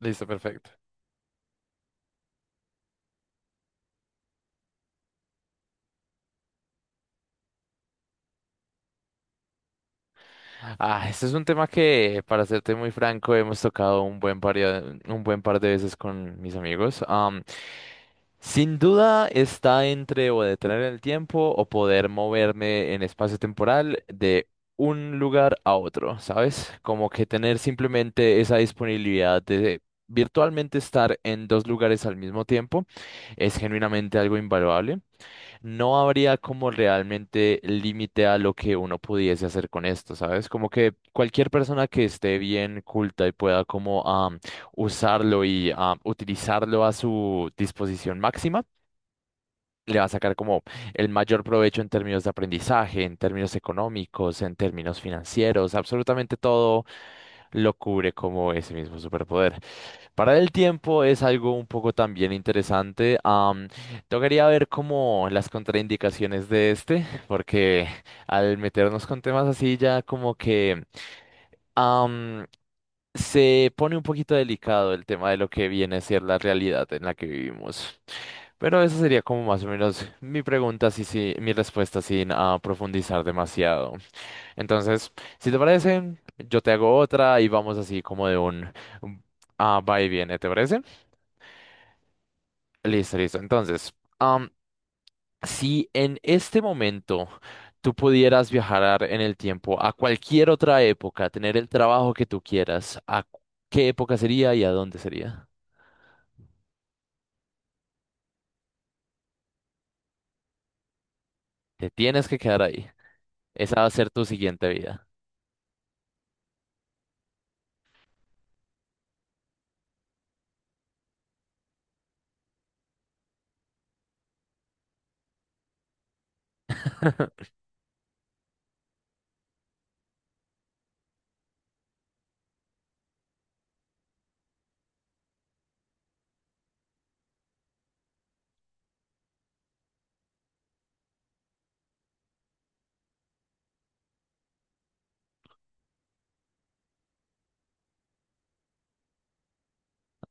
Listo, perfecto. Este es un tema que, para serte muy franco, hemos tocado un buen par de veces con mis amigos. Sin duda está entre o detener el tiempo o poder moverme en espacio temporal de un lugar a otro, ¿sabes? Como que tener simplemente esa disponibilidad de virtualmente estar en dos lugares al mismo tiempo es genuinamente algo invaluable. No habría como realmente límite a lo que uno pudiese hacer con esto, ¿sabes? Como que cualquier persona que esté bien culta y pueda como usarlo y utilizarlo a su disposición máxima, le va a sacar como el mayor provecho en términos de aprendizaje, en términos económicos, en términos financieros, absolutamente todo lo cubre como ese mismo superpoder. Parar el tiempo es algo un poco también interesante. Tocaría ver como las contraindicaciones de este, porque al meternos con temas así ya como que am, se pone un poquito delicado el tema de lo que viene a ser la realidad en la que vivimos. Pero esa sería como más o menos mi pregunta, sí, sí, mi respuesta sin profundizar demasiado. Entonces, si te parece, yo te hago otra y vamos así como de un un- va y viene, ¿te parece? Listo, listo. Entonces, si en este momento tú pudieras viajar en el tiempo a cualquier otra época, tener el trabajo que tú quieras, ¿qué época sería y a dónde sería? Te tienes que quedar ahí. Esa va a ser tu siguiente vida.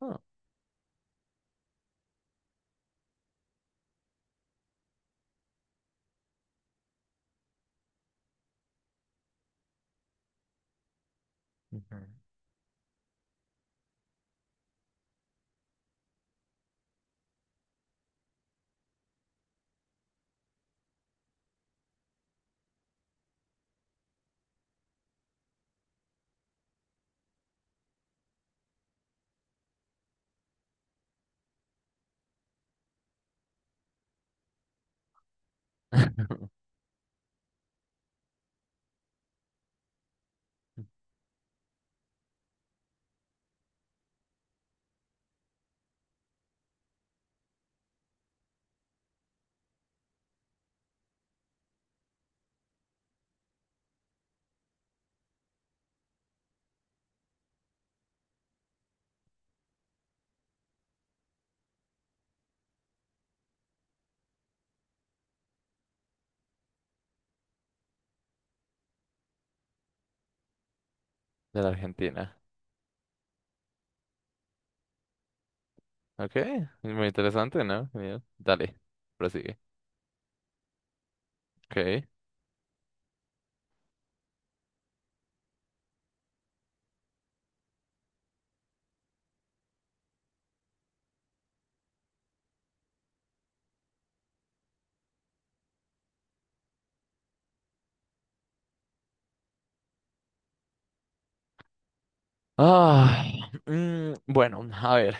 Oh. De la Argentina. Ok, muy interesante, ¿no? Genial. Dale, prosigue. Ok. Ah, bueno, a ver,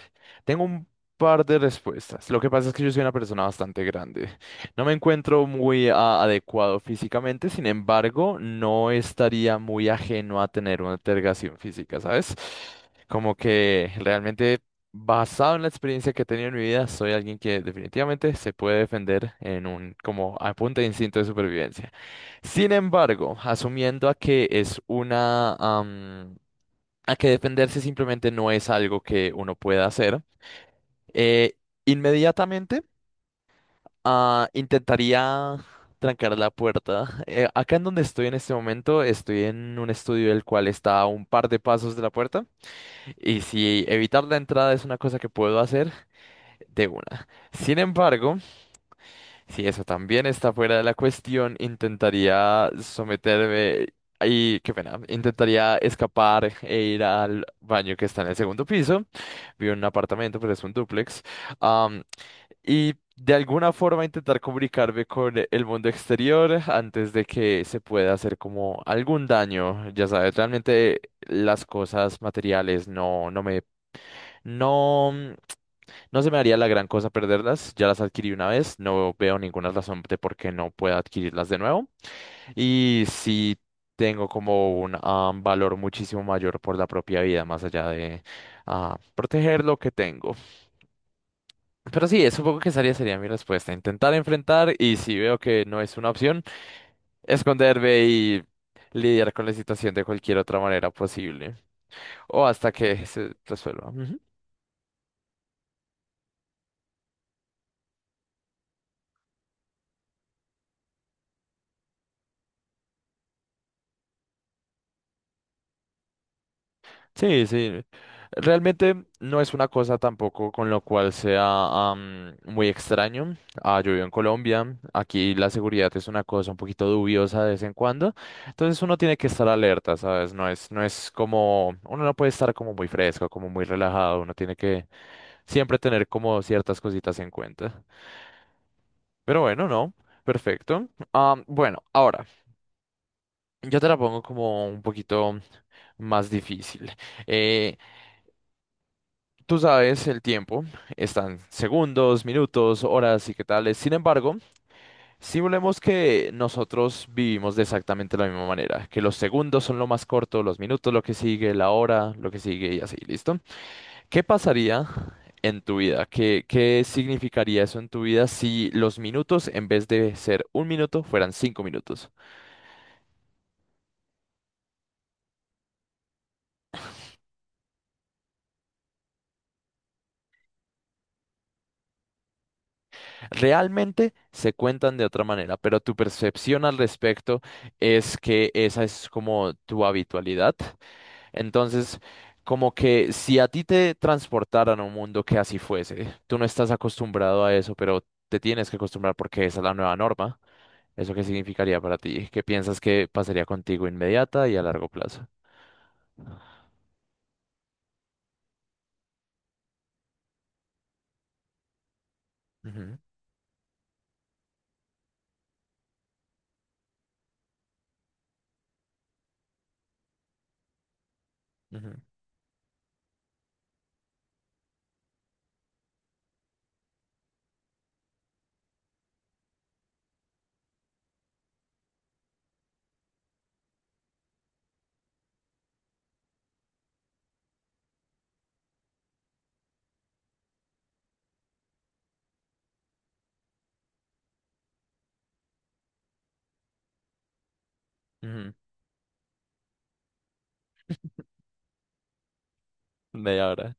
tengo un par de respuestas. Lo que pasa es que yo soy una persona bastante grande. No me encuentro muy adecuado físicamente, sin embargo, no estaría muy ajeno a tener una altergación física, ¿sabes? Como que realmente, basado en la experiencia que he tenido en mi vida, soy alguien que definitivamente se puede defender en un, como a punta de instinto de supervivencia. Sin embargo, asumiendo a que es una a que defenderse simplemente no es algo que uno pueda hacer. Eh, inmediatamente intentaría trancar la puerta. Acá en donde estoy en este momento, estoy en un estudio el cual está a un par de pasos de la puerta, y si evitar la entrada es una cosa que puedo hacer, de una. Sin embargo, si eso también está fuera de la cuestión, intentaría someterme y, qué pena, intentaría escapar e ir al baño que está en el segundo piso. Vivo en un apartamento, pero es un dúplex. am, y de alguna forma intentar comunicarme con el mundo exterior antes de que se pueda hacer como algún daño. Ya sabes, realmente las cosas materiales no, no me, no. No se me haría la gran cosa perderlas, ya las adquirí una vez, no veo ninguna razón de por qué no pueda adquirirlas de nuevo. Y sí tengo como un valor muchísimo mayor por la propia vida, más allá de proteger lo que tengo. Pero sí, supongo que esa sería mi respuesta, intentar enfrentar y si veo que no es una opción, esconderme y lidiar con la situación de cualquier otra manera posible o hasta que se resuelva. Ujú. Sí, sí. Realmente no es una cosa tampoco con lo cual sea muy extraño. Yo vivo en Colombia, aquí la seguridad es una cosa un poquito dubiosa de vez en cuando, entonces uno tiene que estar alerta, ¿sabes? No es, no es como, uno no puede estar como muy fresco, como muy relajado, uno tiene que siempre tener como ciertas cositas en cuenta. Pero bueno, no, perfecto. Bueno, ahora, yo te la pongo como un poquito más difícil. Eh, Tú sabes, el tiempo están segundos, minutos, horas y qué tales. Sin embargo, simulemos que nosotros vivimos de exactamente la misma manera, que los segundos son lo más corto, los minutos lo que sigue, la hora lo que sigue y así, ¿listo? ¿Qué pasaría en tu vida? ¿Qué significaría eso en tu vida si los minutos en vez de ser un minuto fueran 5 minutos? Realmente se cuentan de otra manera, pero tu percepción al respecto es que esa es como tu habitualidad. Entonces, como que si a ti te transportaran a un mundo que así fuese, tú no estás acostumbrado a eso, pero te tienes que acostumbrar porque esa es la nueva norma. ¿Eso qué significaría para ti? ¿Qué piensas que pasaría contigo inmediata y a largo plazo? Ujú, ujú, ujú. Media hora.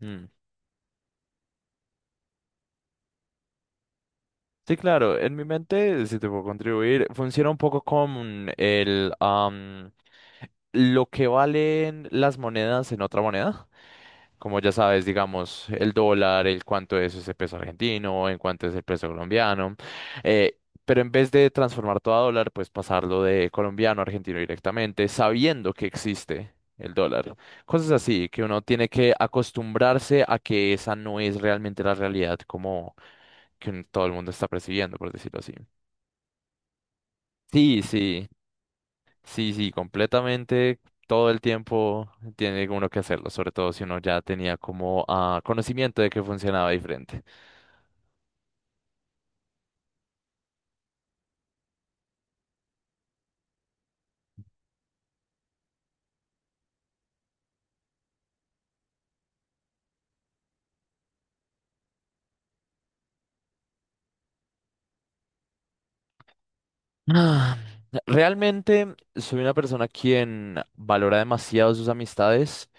Mm. Sí, claro, en mi mente, si te puedo contribuir, funciona un poco con lo que valen las monedas en otra moneda. Como ya sabes, digamos, el dólar, el cuánto es ese peso argentino, en cuánto es el peso colombiano. eh, pero en vez de transformar todo a dólar, pues pasarlo de colombiano a argentino directamente, sabiendo que existe el dólar. Cosas así, que uno tiene que acostumbrarse a que esa no es realmente la realidad como que todo el mundo está percibiendo, por decirlo así. Sí, sí. Sí, sí, completamente. Todo el tiempo tiene uno que hacerlo, sobre todo si uno ya tenía como conocimiento de que funcionaba diferente. Ah, Realmente soy una persona quien valora demasiado sus amistades.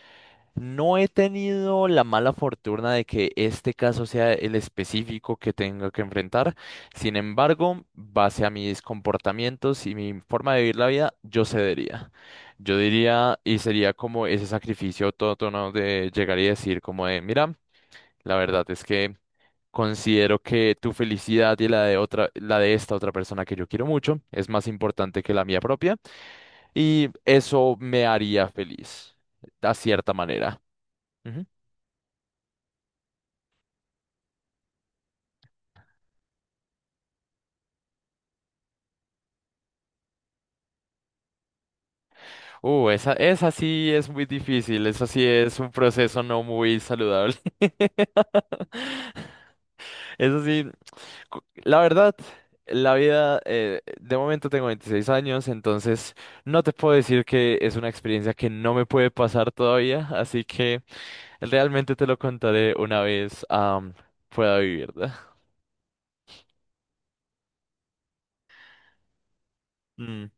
No he tenido la mala fortuna de que este caso sea el específico que tenga que enfrentar. Sin embargo, base a mis comportamientos y mi forma de vivir la vida, yo cedería. Yo diría y sería como ese sacrificio autótono de llegar y decir como de, mira, la verdad es que considero que tu felicidad y la de otra, la de esta otra persona que yo quiero mucho es más importante que la mía propia y eso me haría feliz, de cierta manera. Ujú. Esa sí es muy difícil, eso sí es un proceso no muy saludable. Eso sí, la verdad, la vida, de momento tengo 26 años, entonces no te puedo decir que es una experiencia que no me puede pasar todavía, así que... Realmente te lo contaré una vez pueda vivir, ¿verdad? Mm,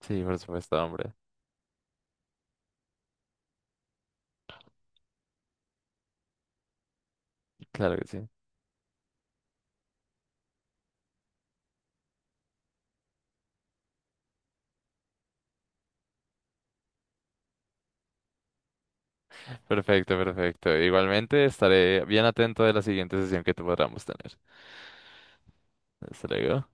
sí, por supuesto, hombre. Claro que sí. Perfecto, perfecto. Igualmente estaré bien atento de la siguiente sesión que podamos tener. Hasta luego.